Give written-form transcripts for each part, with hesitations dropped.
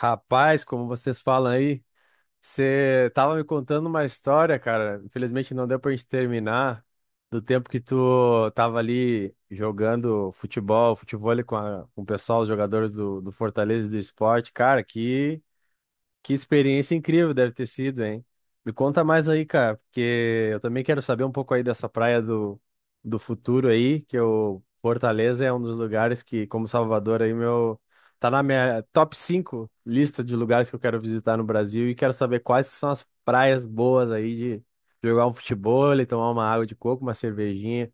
Rapaz, como vocês falam aí, você tava me contando uma história, cara. Infelizmente não deu pra gente terminar do tempo que tu tava ali jogando futebol, futevôlei com, com o pessoal, os jogadores do Fortaleza e do Sport. Cara, que experiência incrível deve ter sido, hein? Me conta mais aí, cara, porque eu também quero saber um pouco aí dessa praia do futuro aí, que o Fortaleza é um dos lugares que, como Salvador aí, meu, tá na minha top 5 lista de lugares que eu quero visitar no Brasil e quero saber quais que são as praias boas aí de jogar um futebol, tomar uma água de coco, uma cervejinha.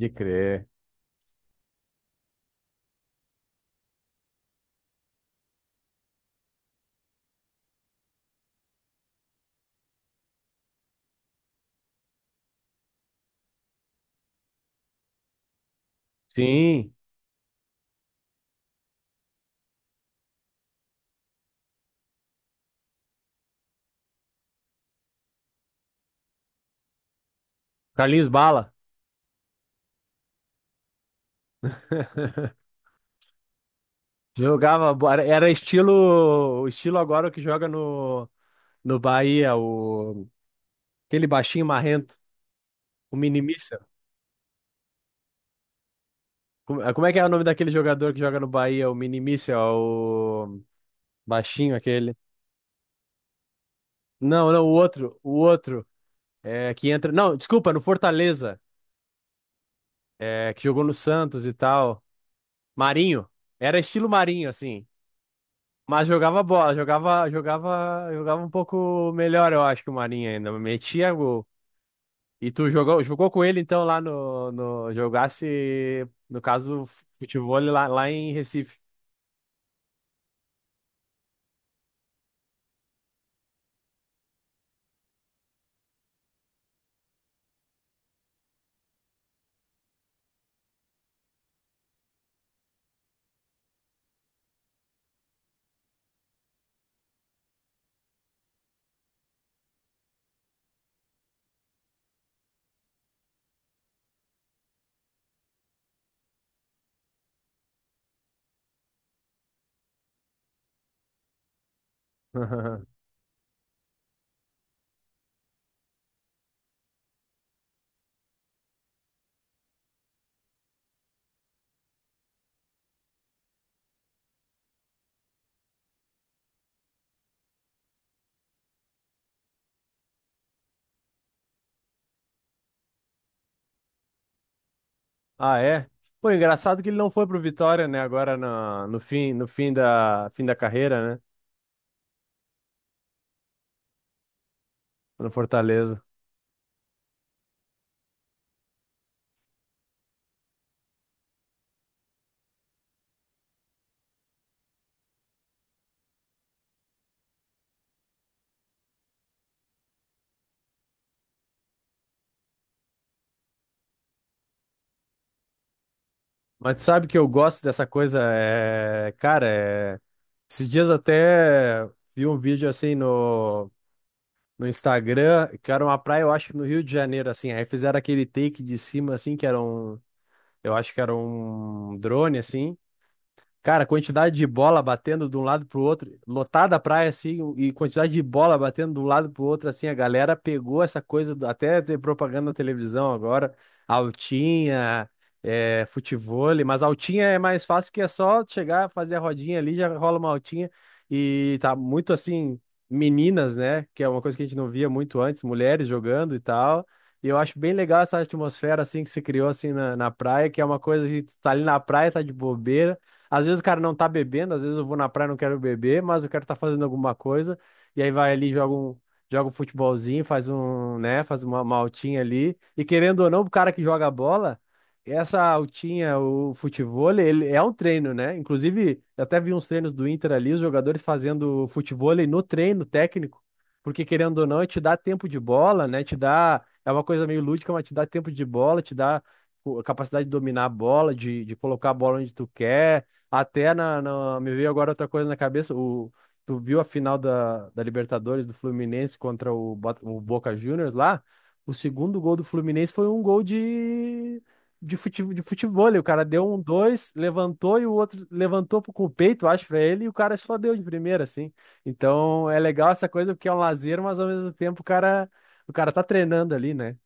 De crer. Sim. Carlinhos Bala. Jogava, era estilo, estilo agora o que joga no Bahia, o aquele baixinho marrento, o Mini Mísel. Como é que é o nome daquele jogador que joga no Bahia, o Mini Mísel, o baixinho aquele? Não, não, o outro é, que entra, não, desculpa, no Fortaleza, é, que jogou no Santos e tal. Marinho, era estilo Marinho assim, mas jogava bola, jogava um pouco melhor, eu acho que o Marinho ainda, metia gol. E tu jogou com ele então lá no jogasse, no caso, futebol lá, lá em Recife. Ah, é? Pô, engraçado que ele não foi pro Vitória, né? Agora fim, no fim fim da carreira, né? No Fortaleza. Mas tu sabe que eu gosto dessa coisa, é, cara, é, esses dias até vi um vídeo assim no Instagram, que era uma praia, eu acho, no Rio de Janeiro, assim. Aí fizeram aquele take de cima, assim, que era um, eu acho que era um drone, assim. Cara, quantidade de bola batendo de um lado pro outro, lotada a praia assim, e quantidade de bola batendo de um lado pro outro, assim, a galera pegou essa coisa, até ter propaganda na televisão agora, altinha, é, futevôlei, mas altinha é mais fácil porque é só chegar, fazer a rodinha ali, já rola uma altinha, e tá muito assim, meninas, né, que é uma coisa que a gente não via muito antes, mulheres jogando e tal. E eu acho bem legal essa atmosfera assim que se criou assim na praia, que é uma coisa que tu tá ali na praia, tá de bobeira, às vezes o cara não tá bebendo, às vezes eu vou na praia e não quero beber, mas eu quero estar tá fazendo alguma coisa. E aí vai ali, joga um futebolzinho, faz um, né, faz uma altinha ali. E querendo ou não, o cara que joga bola, essa altinha, o futevôlei, ele é um treino, né? Inclusive, eu até vi uns treinos do Inter ali, os jogadores fazendo futevôlei no treino técnico. Porque querendo ou não, te dá tempo de bola, né? Te dá. É uma coisa meio lúdica, mas te dá tempo de bola, te dá pô, a capacidade de dominar a bola, de colocar a bola onde tu quer. Até me veio agora outra coisa na cabeça. O, tu viu a final da Libertadores do Fluminense contra o, o Boca Juniors lá? O segundo gol do Fluminense foi um gol de, de futevôlei. O cara deu um dois, levantou e o outro levantou com o peito, acho, pra ele, e o cara só deu de primeira, assim. Então é legal essa coisa porque é um lazer, mas ao mesmo tempo o cara tá treinando ali, né?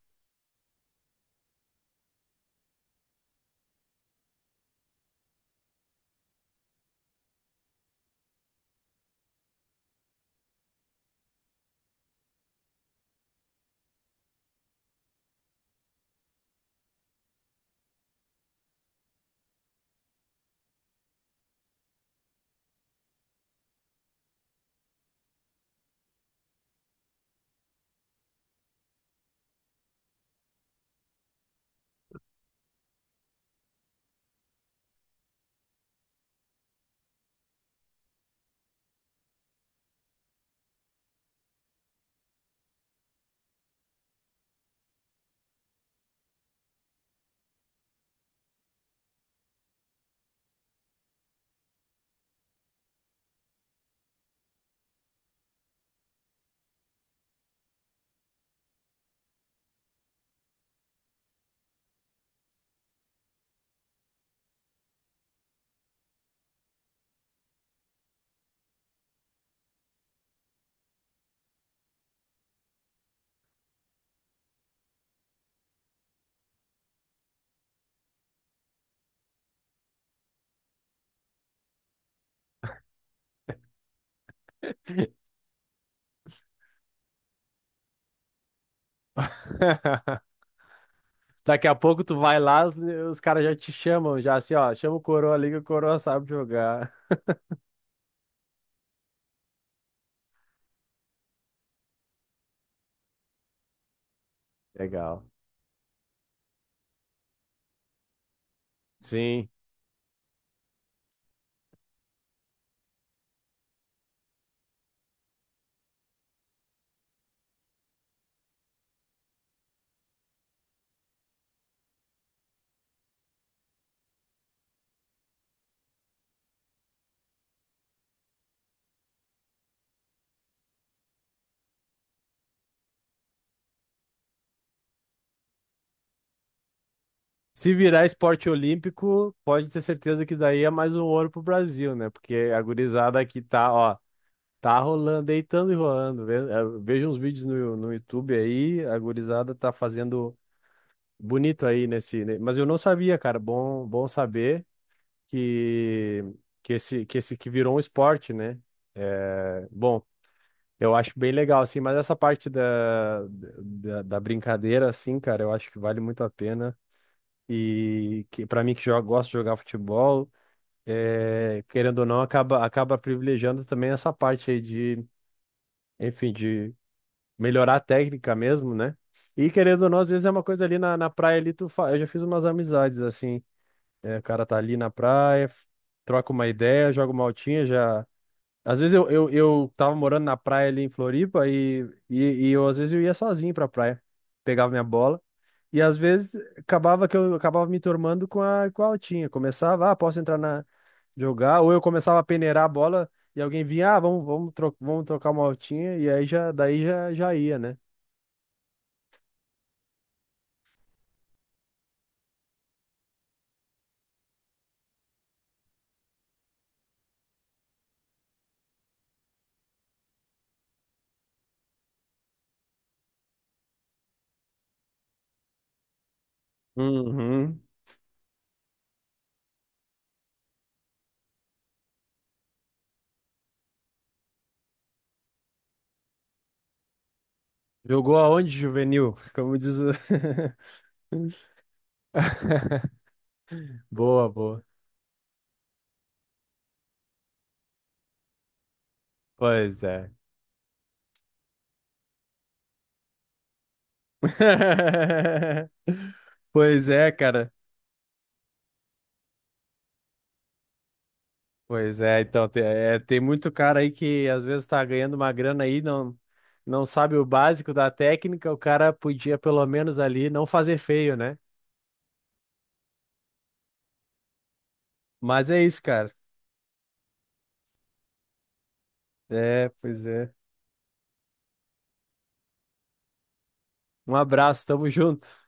Daqui a pouco tu vai lá, os caras já te chamam, já assim, ó, chama o Coroa ali que o Coroa sabe jogar. Legal. Sim. Se virar esporte olímpico, pode ter certeza que daí é mais um ouro pro Brasil, né? Porque a gurizada aqui tá, ó, tá rolando, deitando e rolando. Veja uns vídeos no YouTube aí, a gurizada tá fazendo bonito aí nesse, né? Mas eu não sabia, cara. Bom, bom saber que que esse que virou um esporte, né? É, bom, eu acho bem legal, assim, mas essa parte da brincadeira, assim, cara, eu acho que vale muito a pena. E que para mim que joga, gosto de jogar futebol, é, querendo ou não, acaba privilegiando também essa parte aí de, enfim, de melhorar a técnica mesmo, né? E querendo ou não, às vezes é uma coisa ali na praia ali, tu fa... eu já fiz umas amizades, assim, é, o cara tá ali na praia, troca uma ideia, joga uma altinha, já. Às vezes eu tava morando na praia ali em Floripa e eu, às vezes eu ia sozinho pra praia. Pegava minha bola e às vezes acabava que eu acabava me turmando com a altinha. Começava, ah, posso entrar na jogar, ou eu começava a peneirar a bola e alguém vinha, ah, vamos trocar uma altinha e aí já, daí já, já ia, né? Uhum. Jogou aonde, juvenil? Como diz o... Boa, boa. Pois é. Pois é, cara. Pois é, então, tem muito cara aí que às vezes tá ganhando uma grana aí, não, não sabe o básico da técnica, o cara podia pelo menos ali não fazer feio, né? Mas é isso, cara. É, pois é. Um abraço, tamo junto.